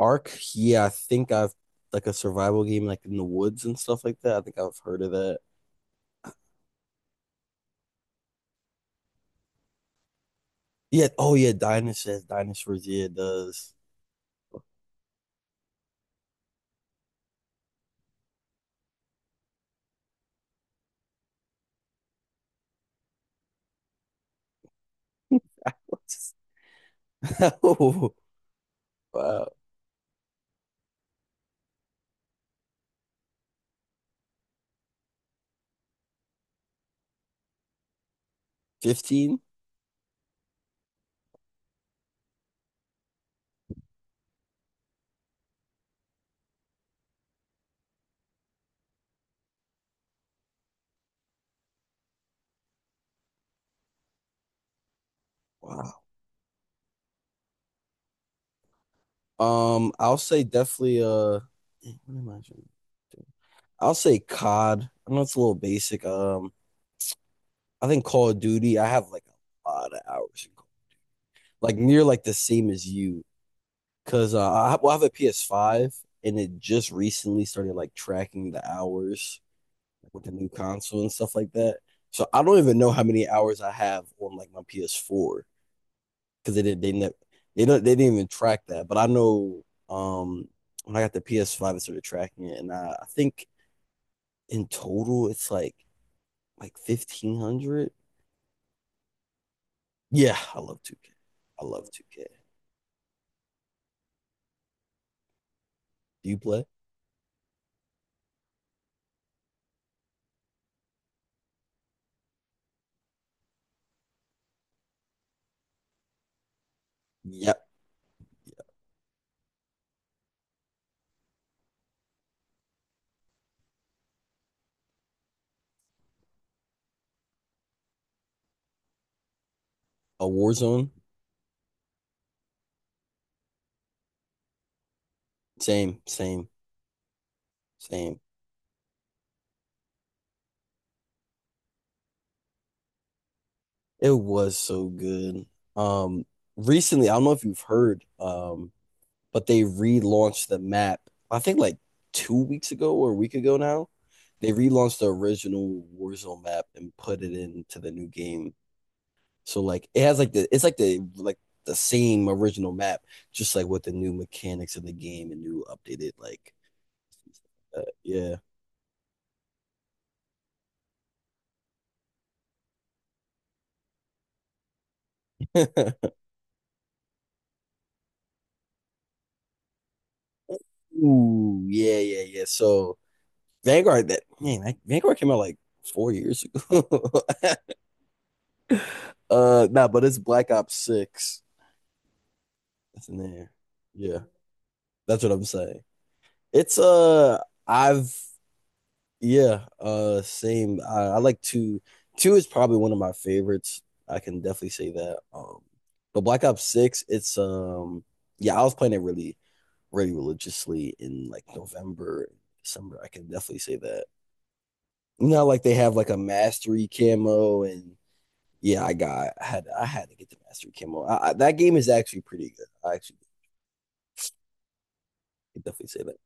Ark, yeah, I think I've like a survival game like in the woods and stuff like that. I think I've heard of that. Yeah, oh yeah, dinosaurs, dinosaurs, yeah, it does. Oh, wow. 15? Wow. I'll say definitely dang, what am I trying to do? I'll say COD. I know it's a little basic. I think Call of Duty, I have like a lot of hours in like near like the same as you. Cause well, I have a PS5, and it just recently started like tracking the hours with the new console and stuff like that. So I don't even know how many hours I have on like my PS4 because they did they never they don't they didn't even track that. But I know um when I got the PS5, it started tracking it, and I think in total it's like 1,500. Yeah, I love 2K. I love 2K. Do you play? Yep. A Warzone. Same, same, same. It was so good. Um, recently, I don't know if you've heard, but they relaunched the map. I think like 2 weeks ago or a week ago now. They relaunched the original Warzone map and put it into the new game. So like it has like the same original map, just like with the new mechanics of the game and new updated yeah. Ooh, yeah, yeah, yeah. So Vanguard that man, that, Vanguard came out like 4 years ago. Nah, but it's Black Ops Six. That's in there. Yeah, that's what I'm saying. It's I've yeah, same. I like two. Two is probably one of my favorites. I can definitely say that. But Black Ops Six, it's yeah, I was playing it really, really religiously in like November, December. I can definitely say that. You know, like they have like a mastery camo, and yeah, I had to get the mastery camo. That game is actually pretty good. I actually could definitely say that.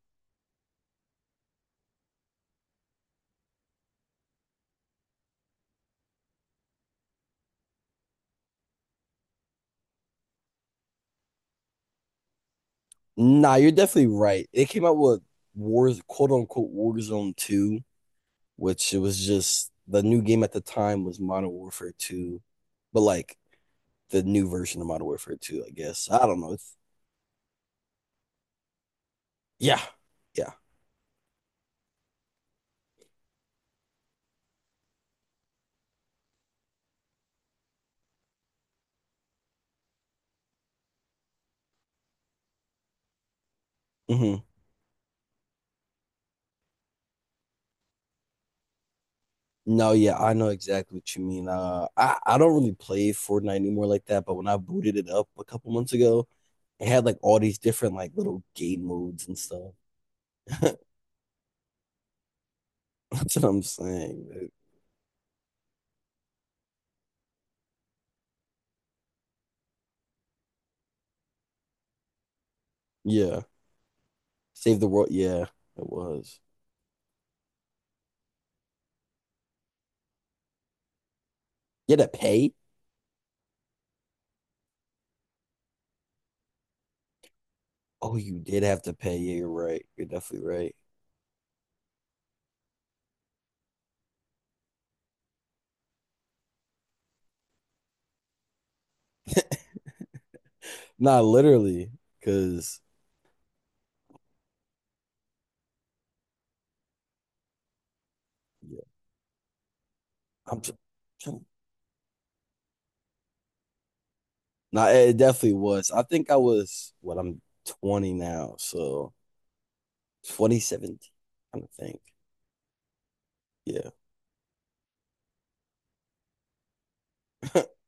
Nah, you're definitely right. They came out with quote unquote, Warzone 2, which it was just the new game at the time was Modern Warfare 2, but like the new version of Modern Warfare 2, I guess. I don't know. Yeah, yeah. Hmm. No, yeah, I know exactly what you mean. I don't really play Fortnite anymore like that, but when I booted it up a couple months ago, it had like all these different like little game modes and stuff. That's what I'm saying, dude. Yeah. Save the World. Yeah, it was. You had to pay? Oh, you did have to pay. Yeah, you're right. You're definitely right. Nah, literally, because yeah, I'm. tr- tr- Nah, it definitely was. I think I was what I'm 20 now, so 2017, I think. Yeah.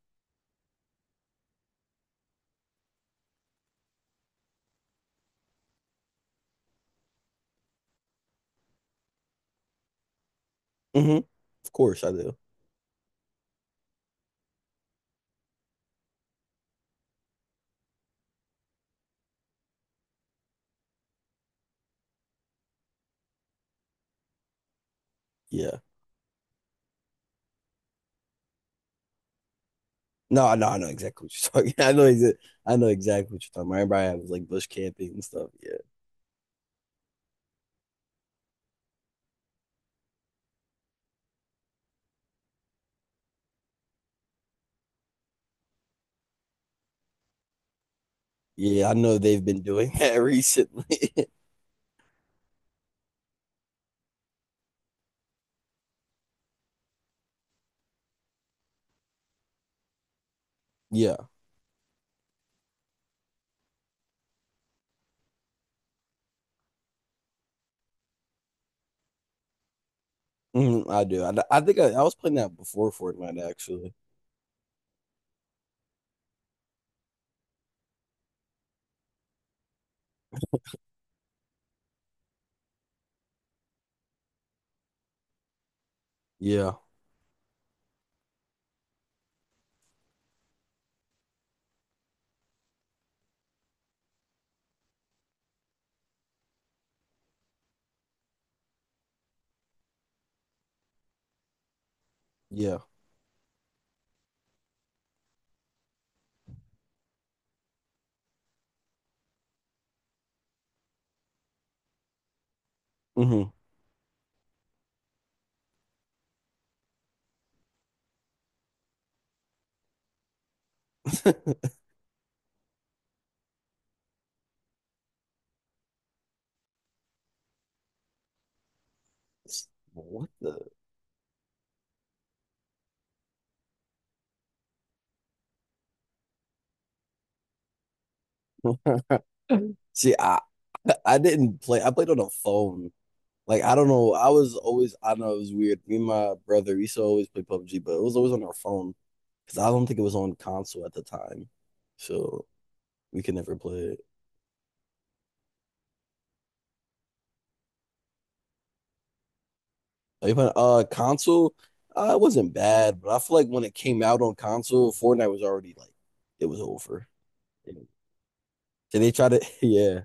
Hmm. Of course I do. Yeah. No, no, I know exactly what you're talking. I know exactly what you're talking about. Everybody was like bush camping and stuff. Yeah. Yeah, I know they've been doing that recently. Yeah. Mhm, I do. I think I was playing that before Fortnite, actually. Yeah, yeah. Hmm. What the? See, I didn't play. I played on a phone. Like I don't know. I was always. I know it was weird. Me and my brother, we used to always play PUBG, but it was always on our phone because I don't think it was on console at the time, so we could never play it. Are you playing console? It wasn't bad, but I feel like when it came out on console, Fortnite was already like it was over. Did they try to? Yeah.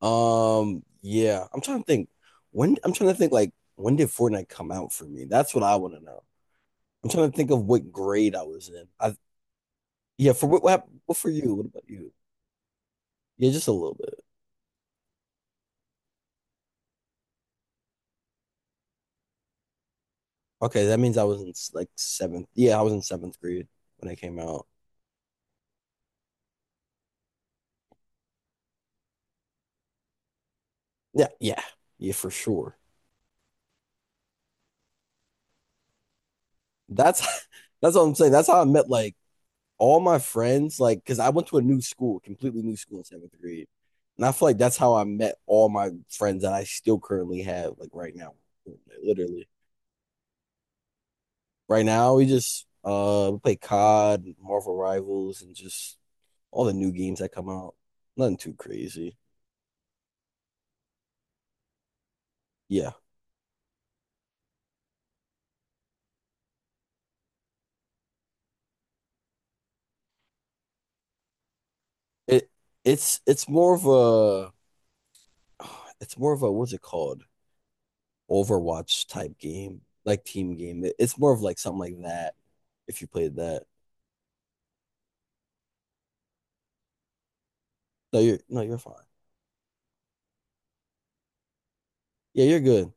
Yeah, I'm trying to think. When I'm trying to think, like, when did Fortnite come out for me? That's what I want to know. I'm trying to think of what grade I was in. I yeah, for what hap- what for you? What about you? Yeah, just a little bit. Okay, that means I was in like seventh. Yeah, I was in seventh grade when it came out. Yeah, yeah, yeah, for sure. That's, that's what I'm saying. That's how I met like all my friends, like, because I went to a new school, completely new school in seventh grade. And I feel like that's how I met all my friends that I still currently have, like right now. Literally. Right now, we just we play COD, Marvel Rivals, and just all the new games that come out. Nothing too crazy. Yeah. It it's more of a it's more of a what's it called? Overwatch type game, like team game. It's more of like something like that if you played that. No, you're fine. Yeah, you're good.